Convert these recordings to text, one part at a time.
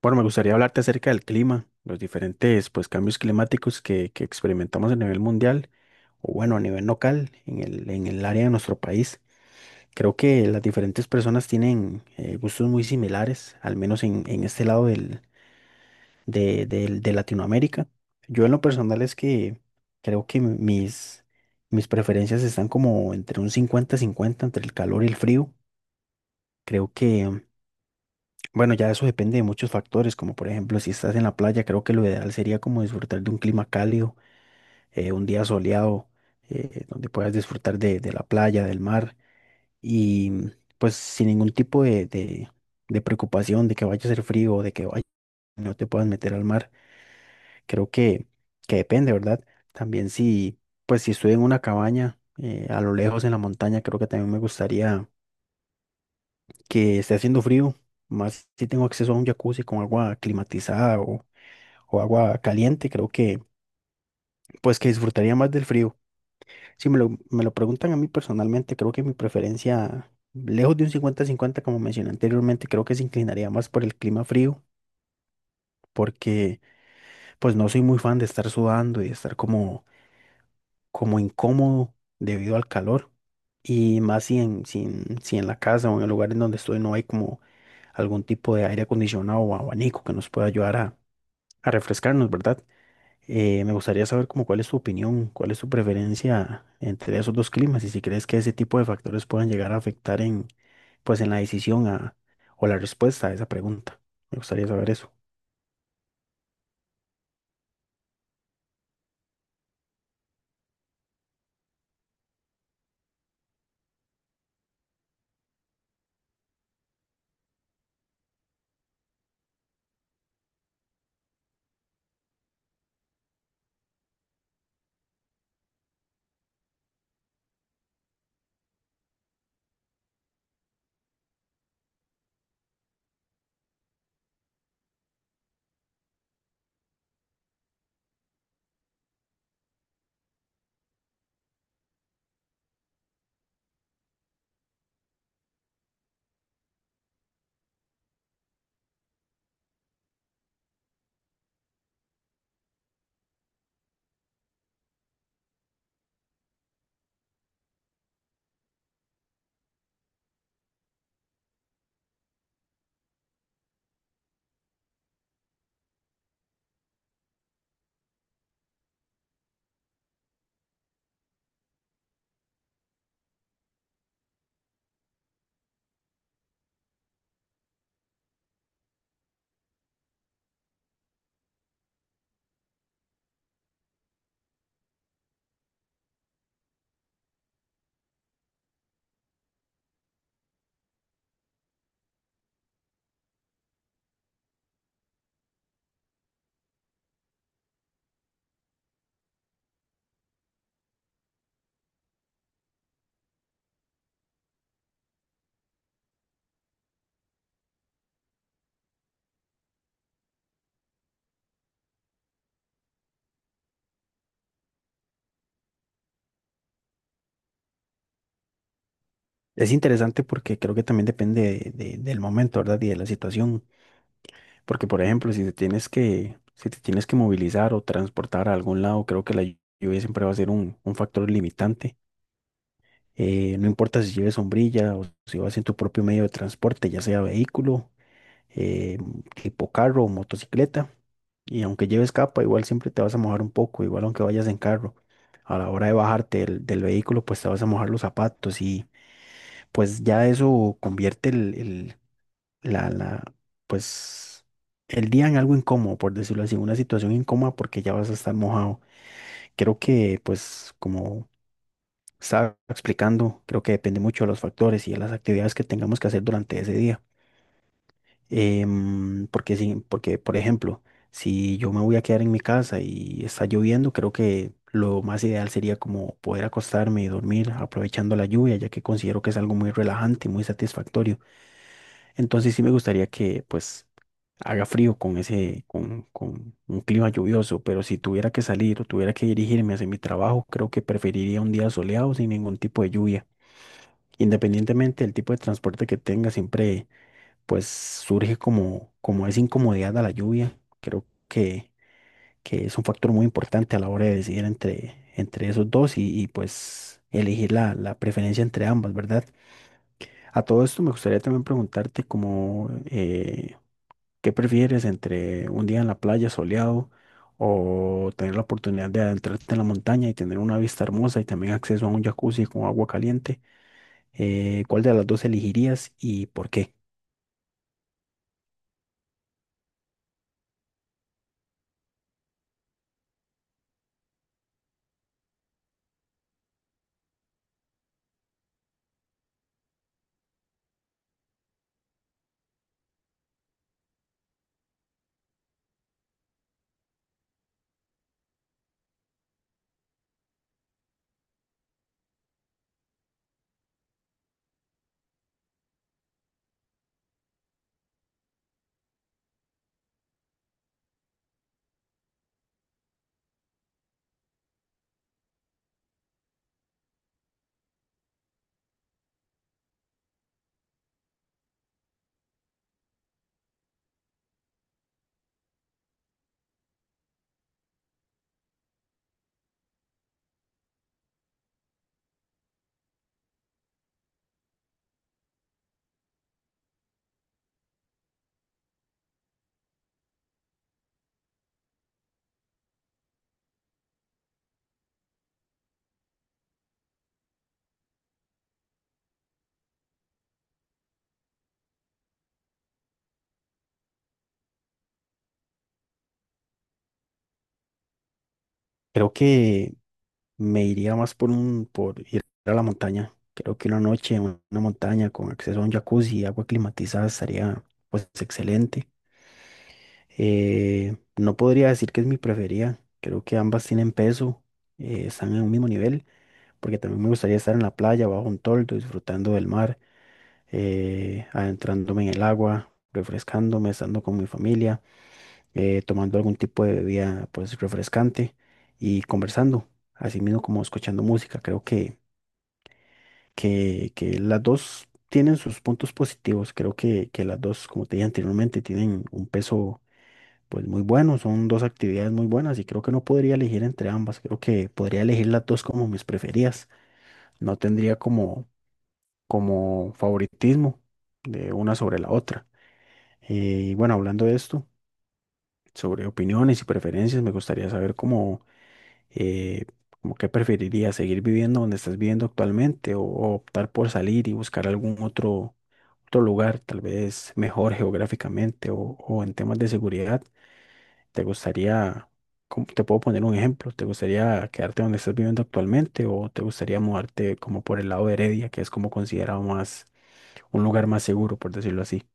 Bueno, me gustaría hablarte acerca del clima, los diferentes pues, cambios climáticos que experimentamos a nivel mundial o bueno, a nivel local en el área de nuestro país. Creo que las diferentes personas tienen gustos muy similares, al menos en este lado de Latinoamérica. Yo en lo personal es que creo que mis preferencias están como entre un 50-50 entre el calor y el frío. Creo que Bueno, ya eso depende de muchos factores, como por ejemplo, si estás en la playa, creo que lo ideal sería como disfrutar de un clima cálido, un día soleado, donde puedas disfrutar de la playa, del mar, y pues sin ningún tipo de preocupación de que vaya a ser frío o de que vaya, no te puedas meter al mar. Creo que, que depende, ¿verdad? También si, pues si estoy en una cabaña, a lo lejos en la montaña, creo que también me gustaría que esté haciendo frío, más si tengo acceso a un jacuzzi con agua climatizada o agua caliente, creo que pues que disfrutaría más del frío. Si me lo preguntan a mí personalmente, creo que mi preferencia, lejos de un 50-50 como mencioné anteriormente, creo que se inclinaría más por el clima frío, porque pues no soy muy fan de estar sudando y de estar como incómodo debido al calor. Y más si en la casa o en el lugar en donde estoy no hay como algún tipo de aire acondicionado o abanico que nos pueda ayudar a refrescarnos, ¿verdad? Me gustaría saber como cuál es tu opinión, cuál es tu preferencia entre esos dos climas y si crees que ese tipo de factores puedan llegar a afectar en, pues, en la decisión o la respuesta a esa pregunta. Me gustaría saber eso. Es interesante porque creo que también depende del momento, ¿verdad? Y de la situación. Porque, por ejemplo, si te tienes que movilizar o transportar a algún lado, creo que la lluvia siempre va a ser un factor limitante. No importa si lleves sombrilla o si vas en tu propio medio de transporte, ya sea vehículo eh, tipo carro o motocicleta. Y aunque lleves capa, igual siempre te vas a mojar un poco, igual aunque vayas en carro. A la hora de bajarte del vehículo, pues te vas a mojar los zapatos y pues ya eso convierte el- la, pues el día en algo incómodo, por decirlo así, una situación incómoda porque ya vas a estar mojado. Creo que pues como estaba explicando, creo que depende mucho de los factores y de las actividades que tengamos que hacer durante ese día. Porque sí, porque por ejemplo, si yo me voy a quedar en mi casa y está lloviendo, creo que lo más ideal sería como poder acostarme y dormir aprovechando la lluvia, ya que considero que es algo muy relajante y muy satisfactorio. Entonces sí me gustaría que pues haga frío con con un clima lluvioso, pero si tuviera que salir o tuviera que dirigirme hacia mi trabajo, creo que preferiría un día soleado sin ningún tipo de lluvia. Independientemente del tipo de transporte que tenga, siempre pues surge como esa incomodidad a la lluvia. Que es un factor muy importante a la hora de decidir entre esos dos pues elegir la preferencia entre ambas, ¿verdad? A todo esto me gustaría también preguntarte como, ¿qué prefieres entre un día en la playa soleado o tener la oportunidad de adentrarte en la montaña y tener una vista hermosa y también acceso a un jacuzzi con agua caliente? ¿Cuál de las dos elegirías y por qué? Creo que Me iría más por por ir a la montaña. Creo que una noche en una montaña con acceso a un jacuzzi y agua climatizada estaría pues excelente. No podría decir que es mi preferida. Creo que ambas tienen peso, están en un mismo nivel, porque también me gustaría estar en la playa, bajo un toldo, disfrutando del mar, adentrándome en el agua, refrescándome, estando con mi familia, tomando algún tipo de bebida pues refrescante y conversando, así mismo como escuchando música. Que las dos tienen sus puntos positivos. Que las dos, como te dije anteriormente, tienen un peso pues muy bueno, son dos actividades muy buenas y creo que no podría elegir entre ambas. Creo que podría elegir las dos como mis preferidas. No tendría como favoritismo de una sobre la otra. Eh, y bueno, hablando de esto, sobre opiniones y preferencias, me gustaría saber cómo... eh, ¿cómo qué preferirías, seguir viviendo donde estás viviendo actualmente o optar por salir y buscar algún otro lugar, tal vez mejor geográficamente o en temas de seguridad, ¿te gustaría, te puedo poner un ejemplo, ¿te gustaría quedarte donde estás viviendo actualmente o te gustaría mudarte como por el lado de Heredia, que es como considerado más, un lugar más seguro, por decirlo así?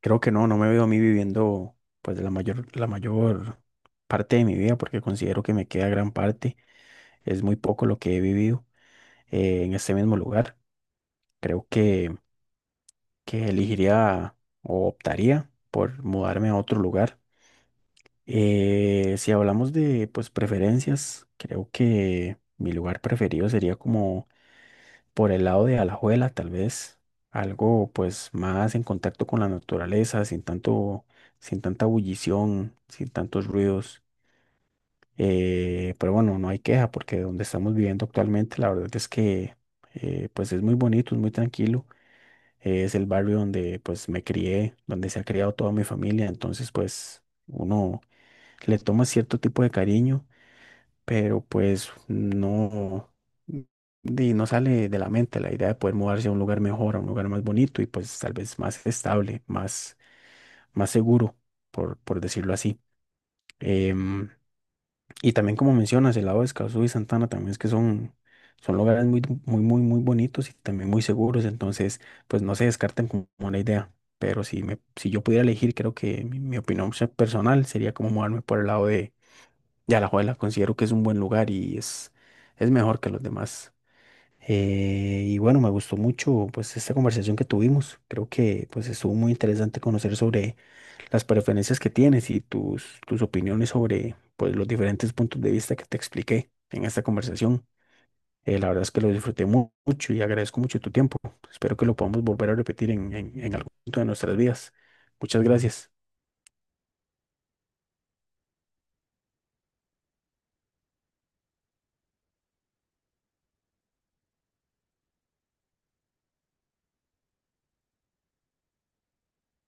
Creo que no me veo a mí viviendo pues la mayor parte de mi vida porque considero que me queda gran parte, es muy poco lo que he vivido en este mismo lugar. Creo que elegiría o optaría por mudarme a otro lugar. Si hablamos de pues preferencias, creo que mi lugar preferido sería como por el lado de Alajuela, tal vez algo pues más en contacto con la naturaleza, sin tanta bullición, sin tantos ruidos. Pero bueno, no hay queja porque donde estamos viviendo actualmente, la verdad es que pues es muy bonito, es muy tranquilo es el barrio donde pues me crié, donde se ha criado toda mi familia, entonces pues uno le toma cierto tipo de cariño, pero pues no, no sale de la mente la idea de poder mudarse a un lugar mejor, a un lugar más bonito y pues tal vez más estable, más seguro, por decirlo así. Em, y también como mencionas, el lado de Escazú y Santana también es que son, son lugares muy, muy bonitos y también muy seguros, entonces pues no se descartan como la idea, pero si, si yo pudiera elegir, creo que mi opinión personal sería como moverme por el lado de Alajuela, considero que es un buen lugar y es mejor que los demás. Y bueno, me gustó mucho pues esta conversación que tuvimos, creo que pues estuvo muy interesante conocer sobre las preferencias que tienes y tus opiniones sobre pues, los diferentes puntos de vista que te expliqué en esta conversación. La verdad es que lo disfruté mucho y agradezco mucho tu tiempo. Espero que lo podamos volver a repetir en algún punto de nuestras vidas. Muchas gracias.